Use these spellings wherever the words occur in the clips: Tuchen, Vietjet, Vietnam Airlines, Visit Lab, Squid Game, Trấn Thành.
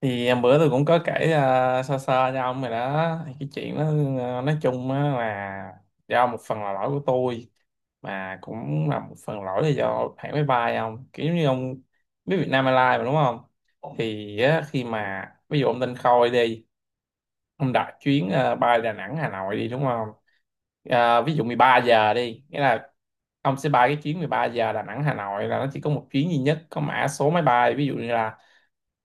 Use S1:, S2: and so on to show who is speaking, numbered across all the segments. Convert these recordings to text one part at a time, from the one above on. S1: Thì em bữa tôi cũng có kể sơ sơ cho ông rồi đó. Thì cái chuyện đó, nói chung á là do một phần là lỗi của tôi, mà cũng là một phần lỗi là do hãng máy bay. Ông kiểu như ông biết Vietnam Airlines mà, đúng không? Thì á, khi mà ví dụ ông tên Khôi đi, ông đặt chuyến bay Đà Nẵng Hà Nội đi, đúng không? Ờ, ví dụ 13 giờ đi nghĩa là ông sẽ bay cái chuyến 13 giờ Đà Nẵng Hà Nội, là nó chỉ có một chuyến duy nhất, có mã số máy bay ví dụ như là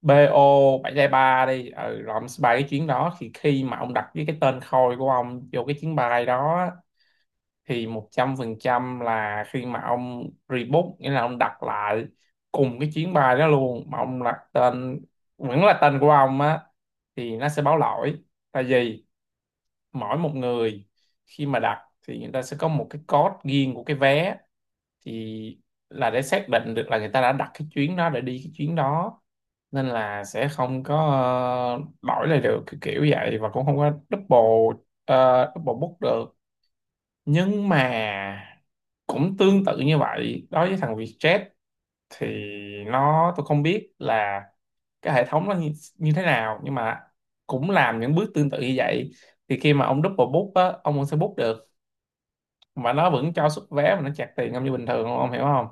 S1: BO 7 giai 3 đi. Ừ, rồi ông sẽ bay cái chuyến đó. Thì khi mà ông đặt với cái tên Khôi của ông vô cái chuyến bay đó á, thì 100% là khi mà ông rebook, nghĩa là ông đặt lại cùng cái chuyến bay đó luôn mà ông đặt tên vẫn là tên của ông á, thì nó sẽ báo lỗi. Tại vì mỗi một người khi mà đặt thì người ta sẽ có một cái code riêng của cái vé, thì là để xác định được là người ta đã đặt cái chuyến đó để đi cái chuyến đó. Nên là sẽ không có đổi lại được, kiểu kiểu vậy, và cũng không có double double book được. Nhưng mà cũng tương tự như vậy đối với thằng Vietjet, thì nó, tôi không biết là cái hệ thống nó như thế nào, nhưng mà cũng làm những bước tương tự như vậy. Thì khi mà ông double book á, ông vẫn sẽ book được, mà nó vẫn cho xuất vé, mà nó chặt tiền ông như bình thường, ông hiểu không?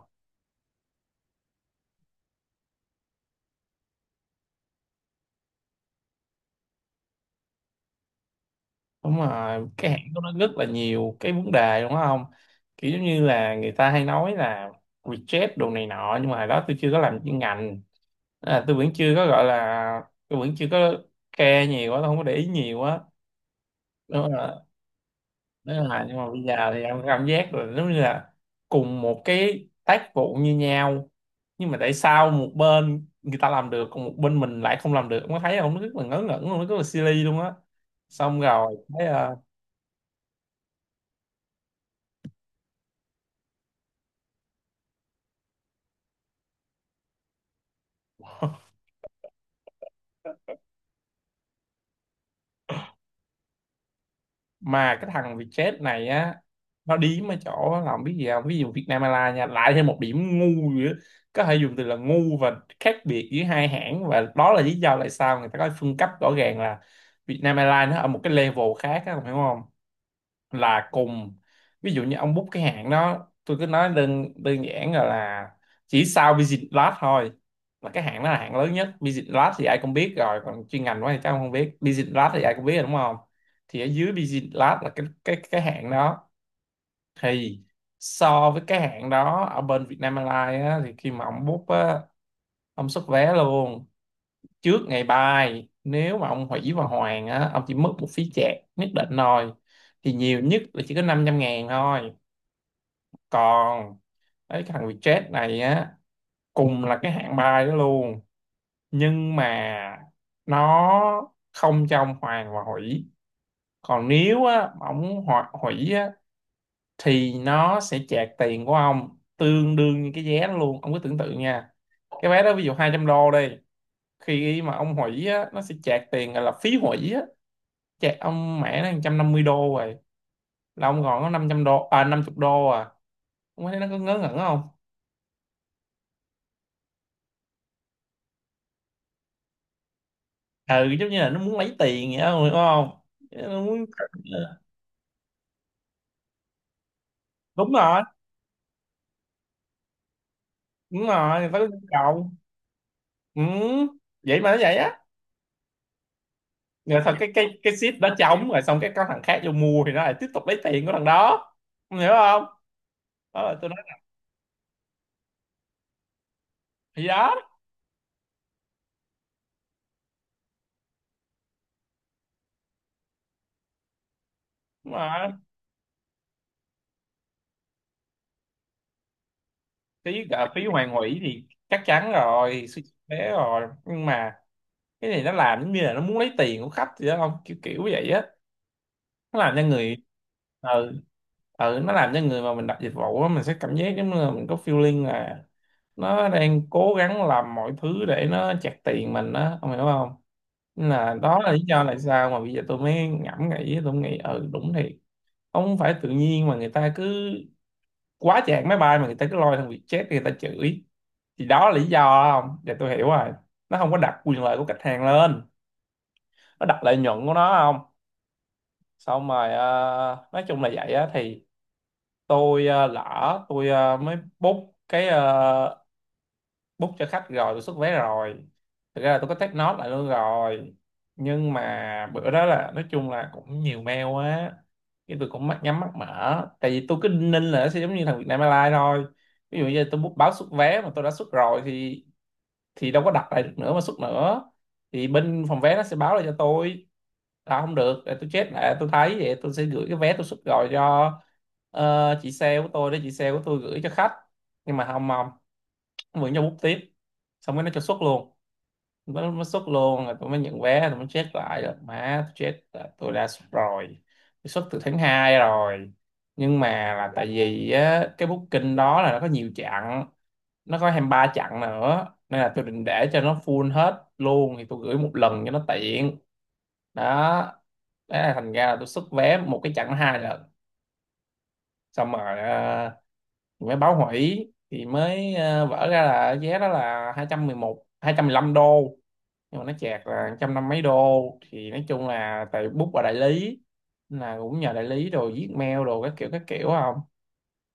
S1: Đúng rồi, cái hãng của nó rất là nhiều cái vấn đề, đúng không? Kiểu giống như là người ta hay nói là reject đồ này nọ, nhưng mà hồi đó tôi chưa có làm chuyên ngành. À, tôi vẫn chưa có gọi là, tôi vẫn chưa có care nhiều á, tôi không có để ý nhiều á. Đúng rồi, đúng rồi, nhưng mà bây giờ thì em cảm giác rồi, giống như là cùng một cái tác vụ như nhau, nhưng mà tại sao một bên người ta làm được còn một bên mình lại không làm được, ông có thấy không? Nó rất là ngớ ngẩn luôn, nó rất là silly luôn á. Xong rồi. Mà cái thằng Vietjet này á, nó điếm ở chỗ làm biết gì không, ví dụ Vietnam Airlines nha, lại thêm một điểm ngu nữa. Có thể dùng từ là ngu và khác biệt giữa hai hãng, và đó là lý do tại sao người ta có phân cấp rõ ràng là Vietnam Airlines nó ở một cái level khác á, ông hiểu không? Là cùng ví dụ như ông book cái hãng đó, tôi cứ nói đơn đơn giản là chỉ sau Visit Lab thôi, là cái hãng đó là hãng lớn nhất. Visit Lab thì ai cũng biết rồi, còn chuyên ngành quá thì chắc ông không biết, Visit Lab thì ai cũng biết rồi đúng không. Thì ở dưới Visit Lab là cái hãng đó. Thì so với cái hãng đó ở bên Vietnam Airlines á, thì khi mà ông book á, ông xuất vé luôn trước ngày bài, nếu mà ông hủy và hoàn á, ông chỉ mất một phí chạc nhất định thôi, thì nhiều nhất là chỉ có 500 ngàn thôi. Còn đấy, cái thằng Vietjet này á, cùng là cái hạng bài đó luôn, nhưng mà nó không trong hoàn và hủy. Còn nếu á mà ông hủy á, thì nó sẽ chạc tiền của ông tương đương như cái vé đó luôn, ông cứ tưởng tượng nha. Cái vé đó ví dụ 200 đô đi, khi mà ông hủy á nó sẽ chạc tiền gọi là phí hủy á, chạy ông mẹ nó 150 đô rồi, là ông còn có 500 đô, à 50 đô à. Ông thấy nó có ngớ ngẩn không? Ừ, giống như là nó muốn lấy tiền vậy đó, đúng không? Nó muốn. Đúng rồi, đúng rồi, người ta có nhu cầu. Ừ. Vậy mà nó vậy á. Rồi thật, cái ship đó trống rồi, xong cái có thằng khác vô mua thì nó lại tiếp tục lấy tiền của thằng đó. Ông hiểu không? Đó là tôi nói. Thì đó. Đúng rồi, phí cả phí hoàn hủy thì chắc chắn rồi, suy tế rồi. Nhưng mà cái này nó làm giống như là nó muốn lấy tiền của khách vậy đó, không kiểu kiểu vậy á. Nó làm cho người, ờ ừ, nó làm cho người mà mình đặt dịch vụ á, mình sẽ cảm giác giống như là mình có feeling là nó đang cố gắng làm mọi thứ để nó chặt tiền mình á, ông hiểu không? Nên là đó là lý do tại sao mà bây giờ tôi mới ngẫm nghĩ, tôi nghĩ ừ đúng thiệt, không phải tự nhiên mà người ta cứ quá chạc máy bay mà người ta cứ lôi thằng Vietjet người ta chửi. Thì đó là lý do đó, không để tôi hiểu rồi, nó không có đặt quyền lợi của khách hàng lên, nó đặt lợi nhuận của nó. Không, xong rồi. Ờ, nói chung là vậy á, thì tôi lỡ tôi mới book cái book cho khách rồi, tôi xuất vé rồi. Thực ra là tôi có take note lại luôn rồi, nhưng mà bữa đó là nói chung là cũng nhiều mail quá, cái tôi cũng mắt nhắm mắt mở. Tại vì tôi cứ đinh ninh là nó sẽ giống như thằng Vietnam Airlines thôi, ví dụ như tôi book báo xuất vé mà tôi đã xuất rồi thì đâu có đặt lại được nữa mà xuất nữa, thì bên phòng vé nó sẽ báo lại cho tôi là không được, để tôi chết lại. Tôi thấy vậy tôi sẽ gửi cái vé tôi xuất, gọi cho chị sale của tôi để chị sale của tôi gửi cho khách. Nhưng mà không mong, vẫn cho bút tiếp, xong cái nó cho xuất luôn. Nó xuất luôn, rồi tôi mới nhận vé, tôi mới check lại rồi, má tôi chết là tôi đã xuất rồi. Tôi xuất từ tháng 2 rồi. Nhưng mà là tại vì á, cái booking đó là nó có nhiều chặng, nó có 23 chặng nữa, nên là tôi định để cho nó full hết luôn thì tôi gửi một lần cho nó tiện. Đó. Thế là thành ra là tôi xuất vé một cái chặng hai lần. Xong rồi mới báo hủy thì mới vỡ ra là vé đó là hai hai trăm trăm mười một hai trăm mười lăm đô, nhưng mà nó chẹt là một trăm năm mấy đô. Thì nói chung là tại book ở đại lý, nên là cũng nhờ đại lý rồi viết mail đồ các kiểu các kiểu, không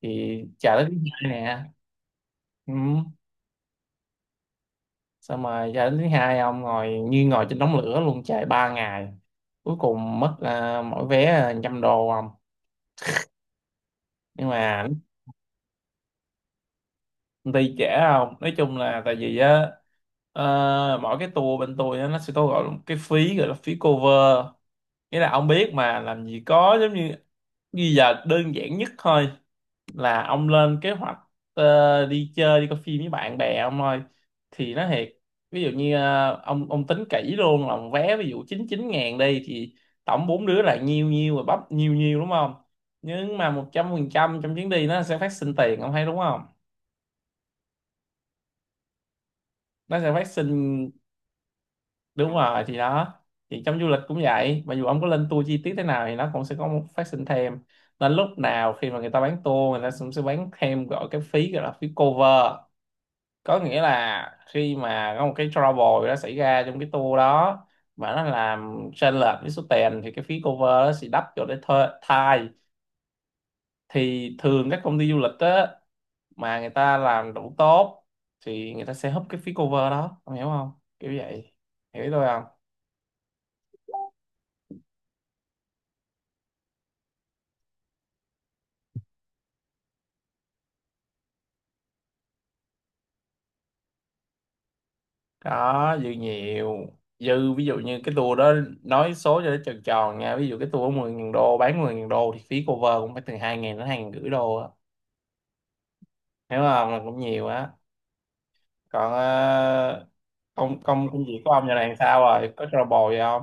S1: thì chờ tới thứ hai nè. Ừ. Xong rồi cho đến thứ hai ông ngồi như ngồi trên đống lửa luôn, chạy 3 ngày, cuối cùng mất à, mỗi vé trăm đô không. Nhưng mà công ty trễ không, nói chung là tại vì á, ờ, mỗi cái tour bên tôi á, nó sẽ có gọi là một cái phí gọi là phí cover. Nghĩa là ông biết mà, làm gì có giống như, bây giờ đơn giản nhất thôi là ông lên kế hoạch đi chơi, đi coi phim với bạn bè ông ơi, thì nó thiệt, ví dụ như ông tính kỹ luôn là một vé ví dụ 99 ngàn đi, thì tổng bốn đứa là nhiêu nhiêu, rồi bắp nhiêu nhiêu đúng không. Nhưng mà 100% trong chuyến đi nó sẽ phát sinh tiền, ông thấy đúng không? Nó sẽ phát sinh. Đúng rồi, thì đó, thì trong du lịch cũng vậy, mặc dù ông có lên tour chi tiết thế nào thì nó cũng sẽ có một phát sinh thêm. Nên lúc nào khi mà người ta bán tour người ta cũng sẽ bán thêm gọi cái phí gọi là phí cover, có nghĩa là khi mà có một cái trouble đó xảy ra trong cái tour đó mà nó làm chênh lệch với số tiền thì cái phí cover đó sẽ đắp cho để thuê thai. Thì thường các công ty du lịch á, mà người ta làm đủ tốt, thì người ta sẽ húp cái phí cover đó, ông hiểu không? Kiểu vậy. Hiểu ý tôi không? Có dư nhiều. Dư ví dụ như cái tour đó, nói số cho nó tròn tròn nha, ví dụ cái tour 10.000 đô bán 10.000 đô thì phí cover cũng phải từ 2.000 đến 2.500 đô á. Hiểu không là cũng nhiều á. Còn công công công việc của ông giờ này sao rồi, có trouble gì không?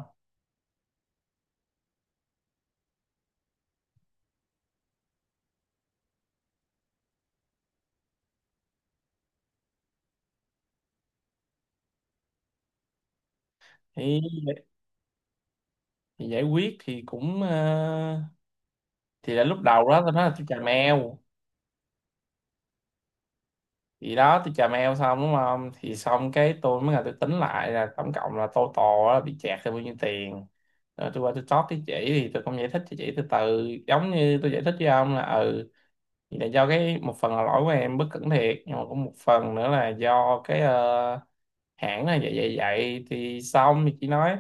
S1: Thì, thì giải quyết thì cũng thì là lúc đầu đó tôi nói là tôi chà mèo. Thì đó tôi chà mèo xong đúng không, thì xong cái tôi mới là tôi tính lại là tổng cộng là total là bị chẹt là bao nhiêu tiền. Rồi tôi qua tôi talk với chị, thì tôi cũng giải thích cho chị từ từ giống như tôi giải thích với ông là ừ, thì là do cái một phần là lỗi của em bất cẩn thiệt, nhưng mà cũng một phần nữa là do cái hãng là vậy vậy vậy. Thì xong thì chị nói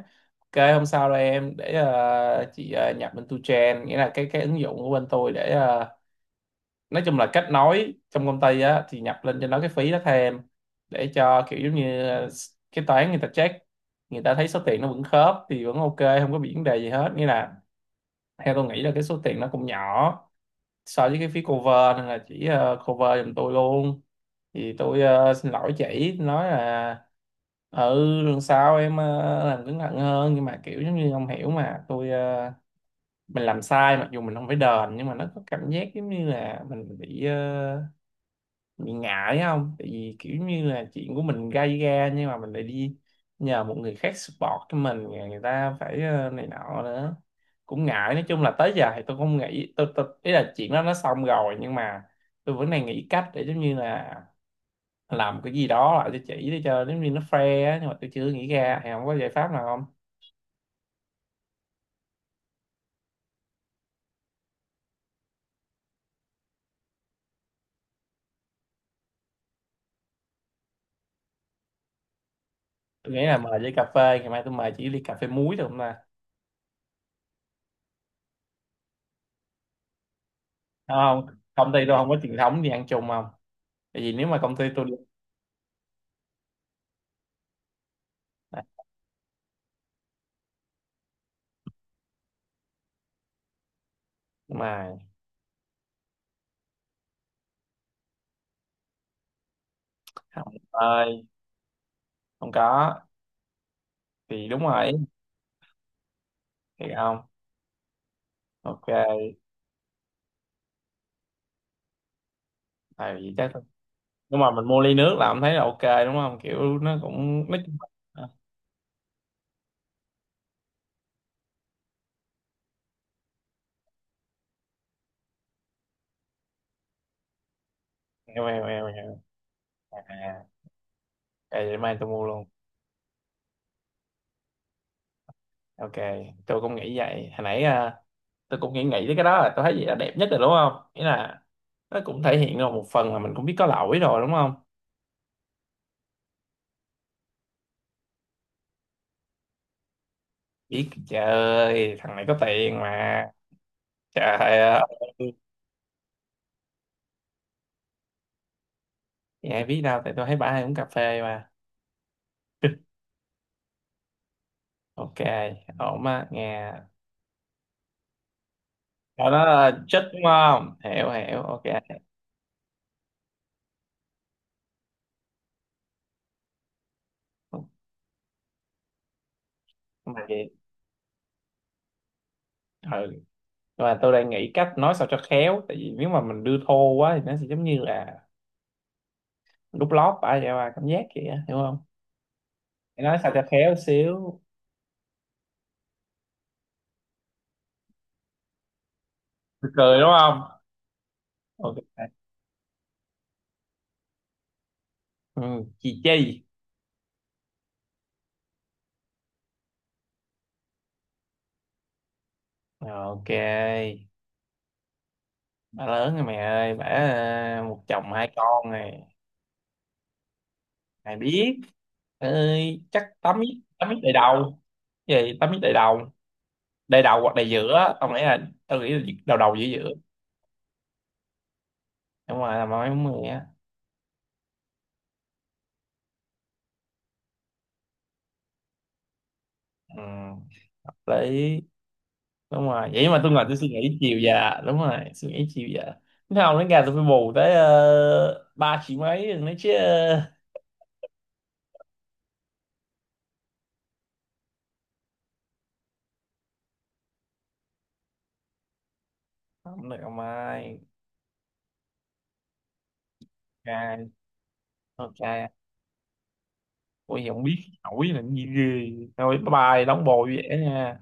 S1: ok, hôm sau đây em để chị nhập bên tu Tuchen, nghĩa là cái ứng dụng của bên tôi để nói chung là kết nối trong công ty á, thì nhập lên cho nó cái phí đó thêm để cho kiểu giống như cái toán người ta check, người ta thấy số tiền nó vẫn khớp thì vẫn ok, không có bị vấn đề gì hết. Nghĩa là theo tôi nghĩ là cái số tiền nó cũng nhỏ so với cái phía cover nên là chỉ cover giùm tôi luôn. Thì tôi xin lỗi chị nói là ừ, lần sau em làm cẩn thận hơn. Nhưng mà kiểu giống như ông hiểu mà, tôi mình làm sai mặc dù mình không phải đền, nhưng mà nó có cảm giác giống như là mình bị bị ngại không, tại vì kiểu như là chuyện của mình gây ra nhưng mà mình lại đi nhờ một người khác support cho mình, rồi người ta phải này nọ nữa, cũng ngại. Nói chung là tới giờ thì tôi không nghĩ tôi ý là chuyện đó nó xong rồi, nhưng mà tôi vẫn đang nghĩ cách để giống như là làm cái gì đó lại cho chị để cho giống như nó fair á, nhưng mà tôi chưa nghĩ ra. Thì không có giải pháp nào không? Tôi nghĩ là mời với cà phê, ngày mai tôi mời chị ly cà phê muối được không ta? Đúng không, công ty tôi không có truyền thống đi ăn chung không, tại vì nếu mà công ty tôi đi mà không ơi không có thì đúng rồi thì không ok. Tại chắc nhưng mà mình mua ly nước là ông thấy là ok đúng không, kiểu nó cũng nó eo eo eo eo. À, ok, để mai tôi mua luôn. Ok, tôi cũng nghĩ vậy hồi nãy. À, tôi cũng nghĩ nghĩ tới cái đó, là tôi thấy gì là đẹp nhất rồi đúng không, nghĩa là nó cũng thể hiện được một phần là mình cũng biết có lỗi rồi đúng không. Biết trời ơi, thằng này có tiền mà. Trời ơi. Thì ai biết đâu, tại tôi thấy bả hay uống cà phê mà. Ok, ổn á nghe. Đó là chích đúng không? Hiểu hiểu, ok. Mà vậy, ừ. Và tôi đang nghĩ cách nói sao cho khéo, tại vì nếu mà mình đưa thô quá thì nó sẽ giống như là đút lót bả vậy mà cảm giác kìa, hiểu không? Phải nói sao cho khéo xíu. Cười cười đúng không? Ok. Ừ, chị Chi. Ok. Bà lớn rồi mẹ ơi, bà à, một chồng hai con này, mày biết. Ơi, chắc tắm ít đầy đầu. Gì, tắm ít đầy đầu. Đầy đầu hoặc đầy giữa, tao nghĩ là đầu đầu giữa giữa đúng rồi là mấy mười á. Ừ, hợp lý. Đúng rồi, vậy mà tôi ngồi tôi suy nghĩ chiều già, đúng rồi, suy nghĩ chiều già thế không đến gà tôi phải bù tới 3 triệu mấy nữa chứ. Không được ông ơi. Ok. Ok, ủa vậy không biết hỏi là cái gì ghê. Thôi bye bye, đóng bồ vậy nha.